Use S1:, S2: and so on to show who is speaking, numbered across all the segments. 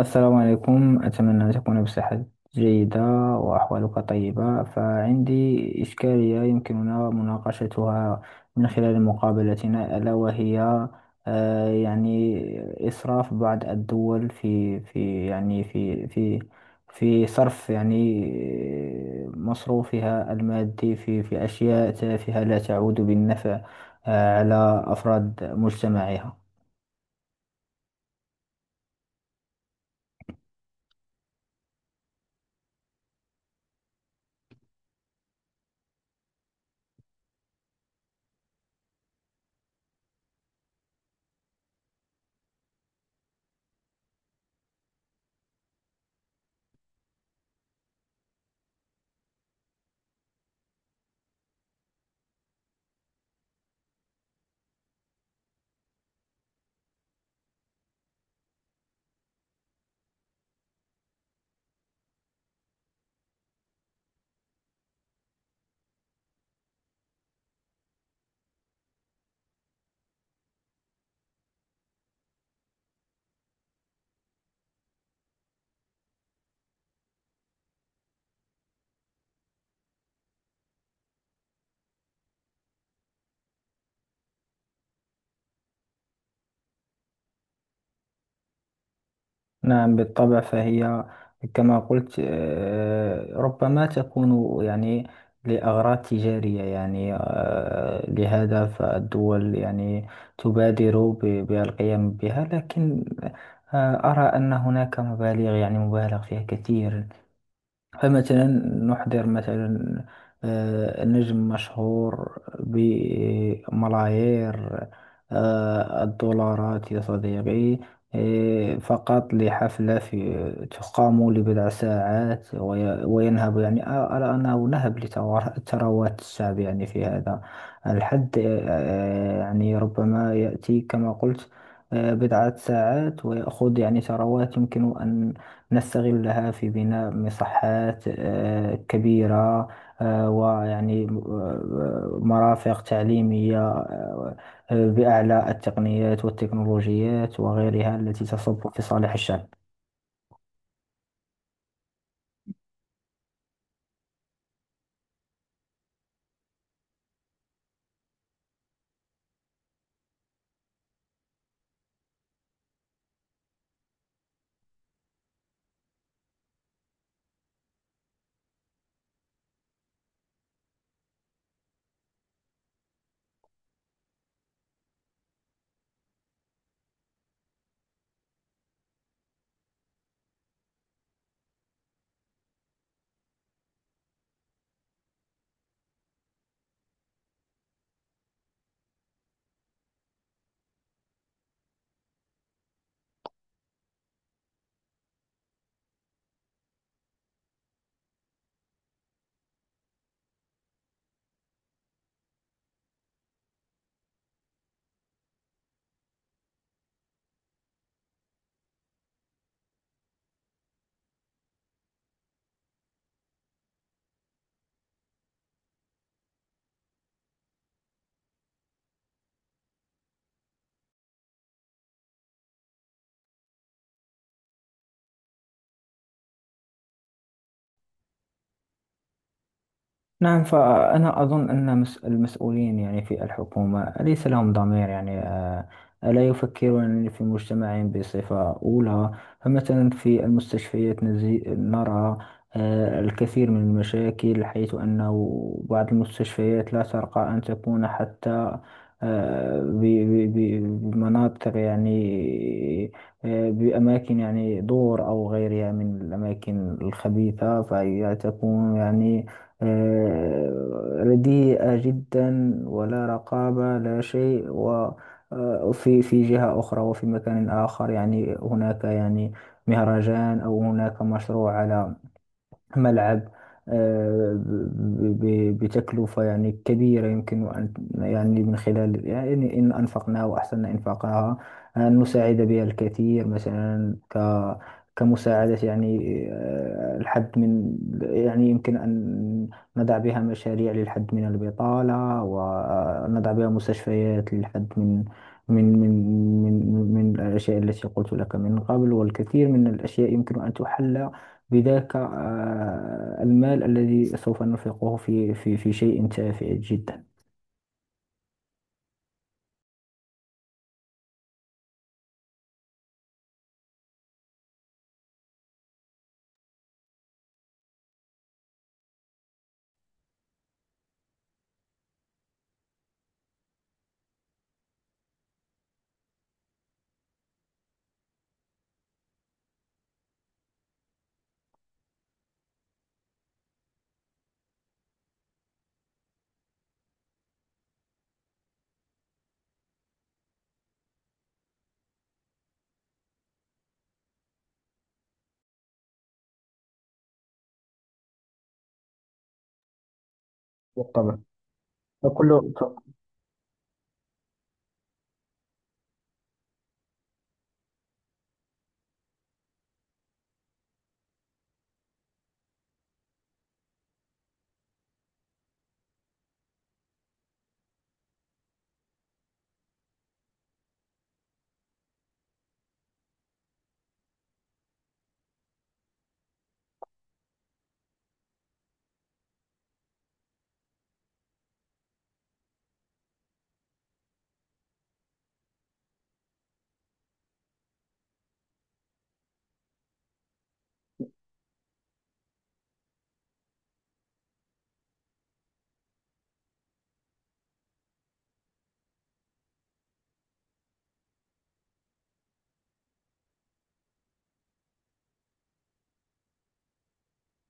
S1: السلام عليكم، أتمنى أن تكون بصحة جيدة وأحوالك طيبة. فعندي إشكالية يمكننا مناقشتها من خلال مقابلتنا، ألا وهي يعني إسراف بعض الدول في يعني في في صرف، يعني مصروفها المادي في أشياء تافهة لا تعود بالنفع على أفراد مجتمعها. نعم، بالطبع. فهي كما قلت ربما تكون يعني لأغراض تجارية، يعني لهذا فالدول يعني تبادر ب- بالقيام بها. لكن أرى أن هناك مبالغ، يعني مبالغ فيها كثير. فمثلا نحضر مثلا نجم مشهور بملايير الدولارات يا صديقي، فقط لحفلة في تقام لبضع ساعات وينهب، يعني أرى أنه نهب ثروات الشعب يعني في هذا الحد. يعني ربما يأتي كما قلت بضعة ساعات ويأخذ يعني ثروات يمكن أن نستغلها في بناء مصحات كبيرة، ويعني مرافق تعليمية بأعلى التقنيات والتكنولوجيات وغيرها التي تصب في صالح الشعب. نعم. فأنا أظن أن المسؤولين يعني في الحكومة ليس لهم ضمير، يعني لا يفكرون في مجتمعهم بصفة أولى. فمثلا في المستشفيات نرى الكثير من المشاكل، حيث أنه بعض المستشفيات لا ترقى أن تكون حتى بمناطق، يعني بأماكن يعني دور أو غيرها من الأماكن الخبيثة. فهي تكون يعني رديئة جدا، ولا رقابة لا شيء. و في جهة أخرى وفي مكان آخر يعني هناك يعني مهرجان أو هناك مشروع على ملعب بتكلفة يعني كبيرة، يمكن أن يعني من خلال، يعني إن أنفقناها وأحسننا إنفاقها أن نساعد بها الكثير، مثلا كمساعدة يعني الحد من، يعني يمكن أن نضع بها مشاريع للحد من البطالة، ونضع بها مستشفيات للحد من من من الأشياء التي قلت لك من قبل، والكثير من الأشياء يمكن أن تحل بذاك المال الذي سوف ننفقه في شيء تافه جدا. بالطبع. فكل ف-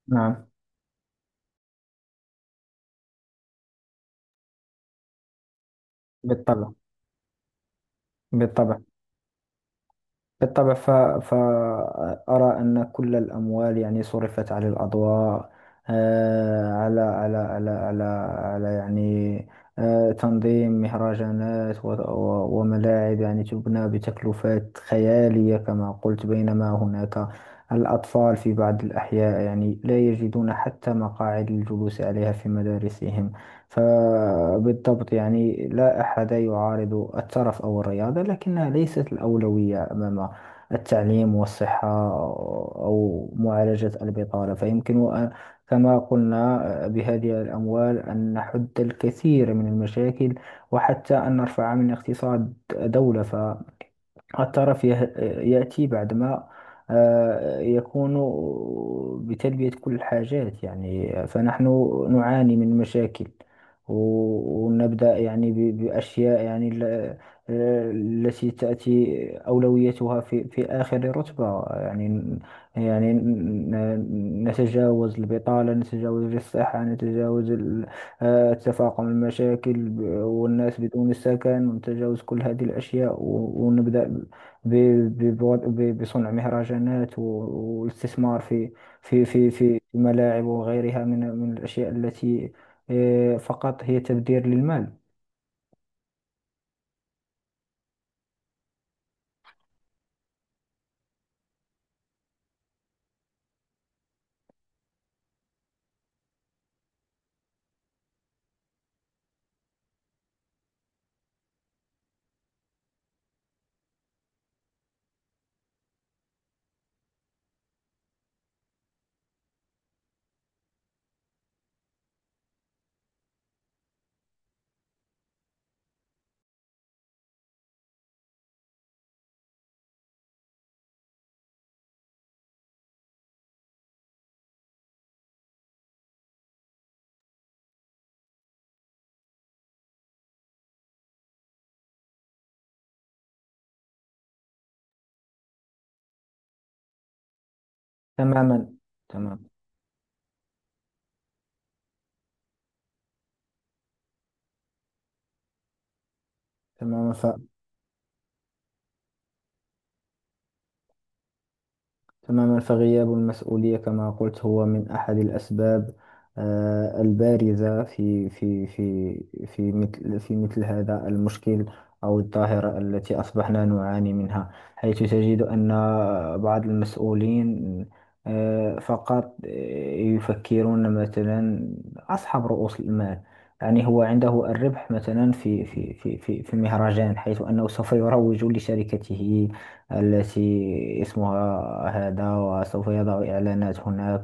S1: نعم، بالطبع، بالطبع، بالطبع. فأرى أن كل الأموال يعني صرفت على الأضواء، آه، على على على على على يعني تنظيم مهرجانات، وملاعب يعني تبنى بتكلفات خيالية كما قلت، بينما هناك الأطفال في بعض الأحياء يعني لا يجدون حتى مقاعد للجلوس عليها في مدارسهم. فبالضبط، يعني لا أحد يعارض الترف أو الرياضة، لكنها ليست الأولوية. أمامها التعليم والصحة أو معالجة البطالة. كما قلنا، بهذه الأموال أن نحد الكثير من المشاكل، وحتى أن نرفع من اقتصاد دولة. الترف يأتي بعدما يكون بتلبية كل الحاجات. يعني فنحن نعاني من مشاكل، ونبدأ يعني بأشياء، يعني التي تأتي أولويتها في آخر رتبة، يعني يعني نتجاوز البطالة، نتجاوز الصحة، نتجاوز تفاقم المشاكل، والناس بدون السكن، ونتجاوز كل هذه الأشياء، ونبدأ بصنع مهرجانات، والاستثمار في الملاعب وغيرها من الأشياء التي فقط هي تبذير للمال. تماما. تمام. تماما. تماما. فغياب المسؤولية كما قلت هو من أحد الأسباب البارزة في مثل هذا المشكل، أو الظاهرة التي أصبحنا نعاني منها، حيث تجد أن بعض المسؤولين آه، فقط آه، يفكرون مثلا أصحاب رؤوس المال، يعني هو عنده الربح مثلا في مهرجان، حيث أنه سوف يروج لشركته التي اسمها هذا، وسوف يضع إعلانات هناك،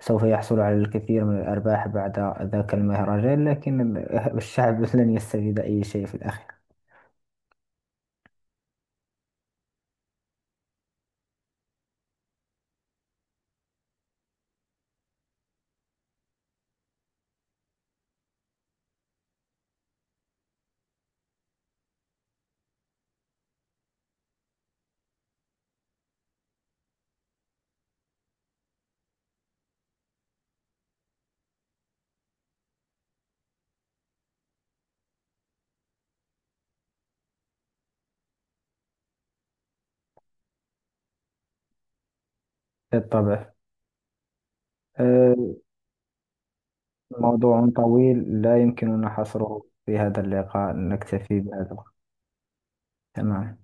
S1: وسوف يحصل على الكثير من الأرباح بعد ذاك المهرجان. لكن الشعب لن يستفيد أي شيء في الأخير. بالطبع. آه، موضوع طويل لا يمكننا حصره في هذا اللقاء، نكتفي بهذا. تمام.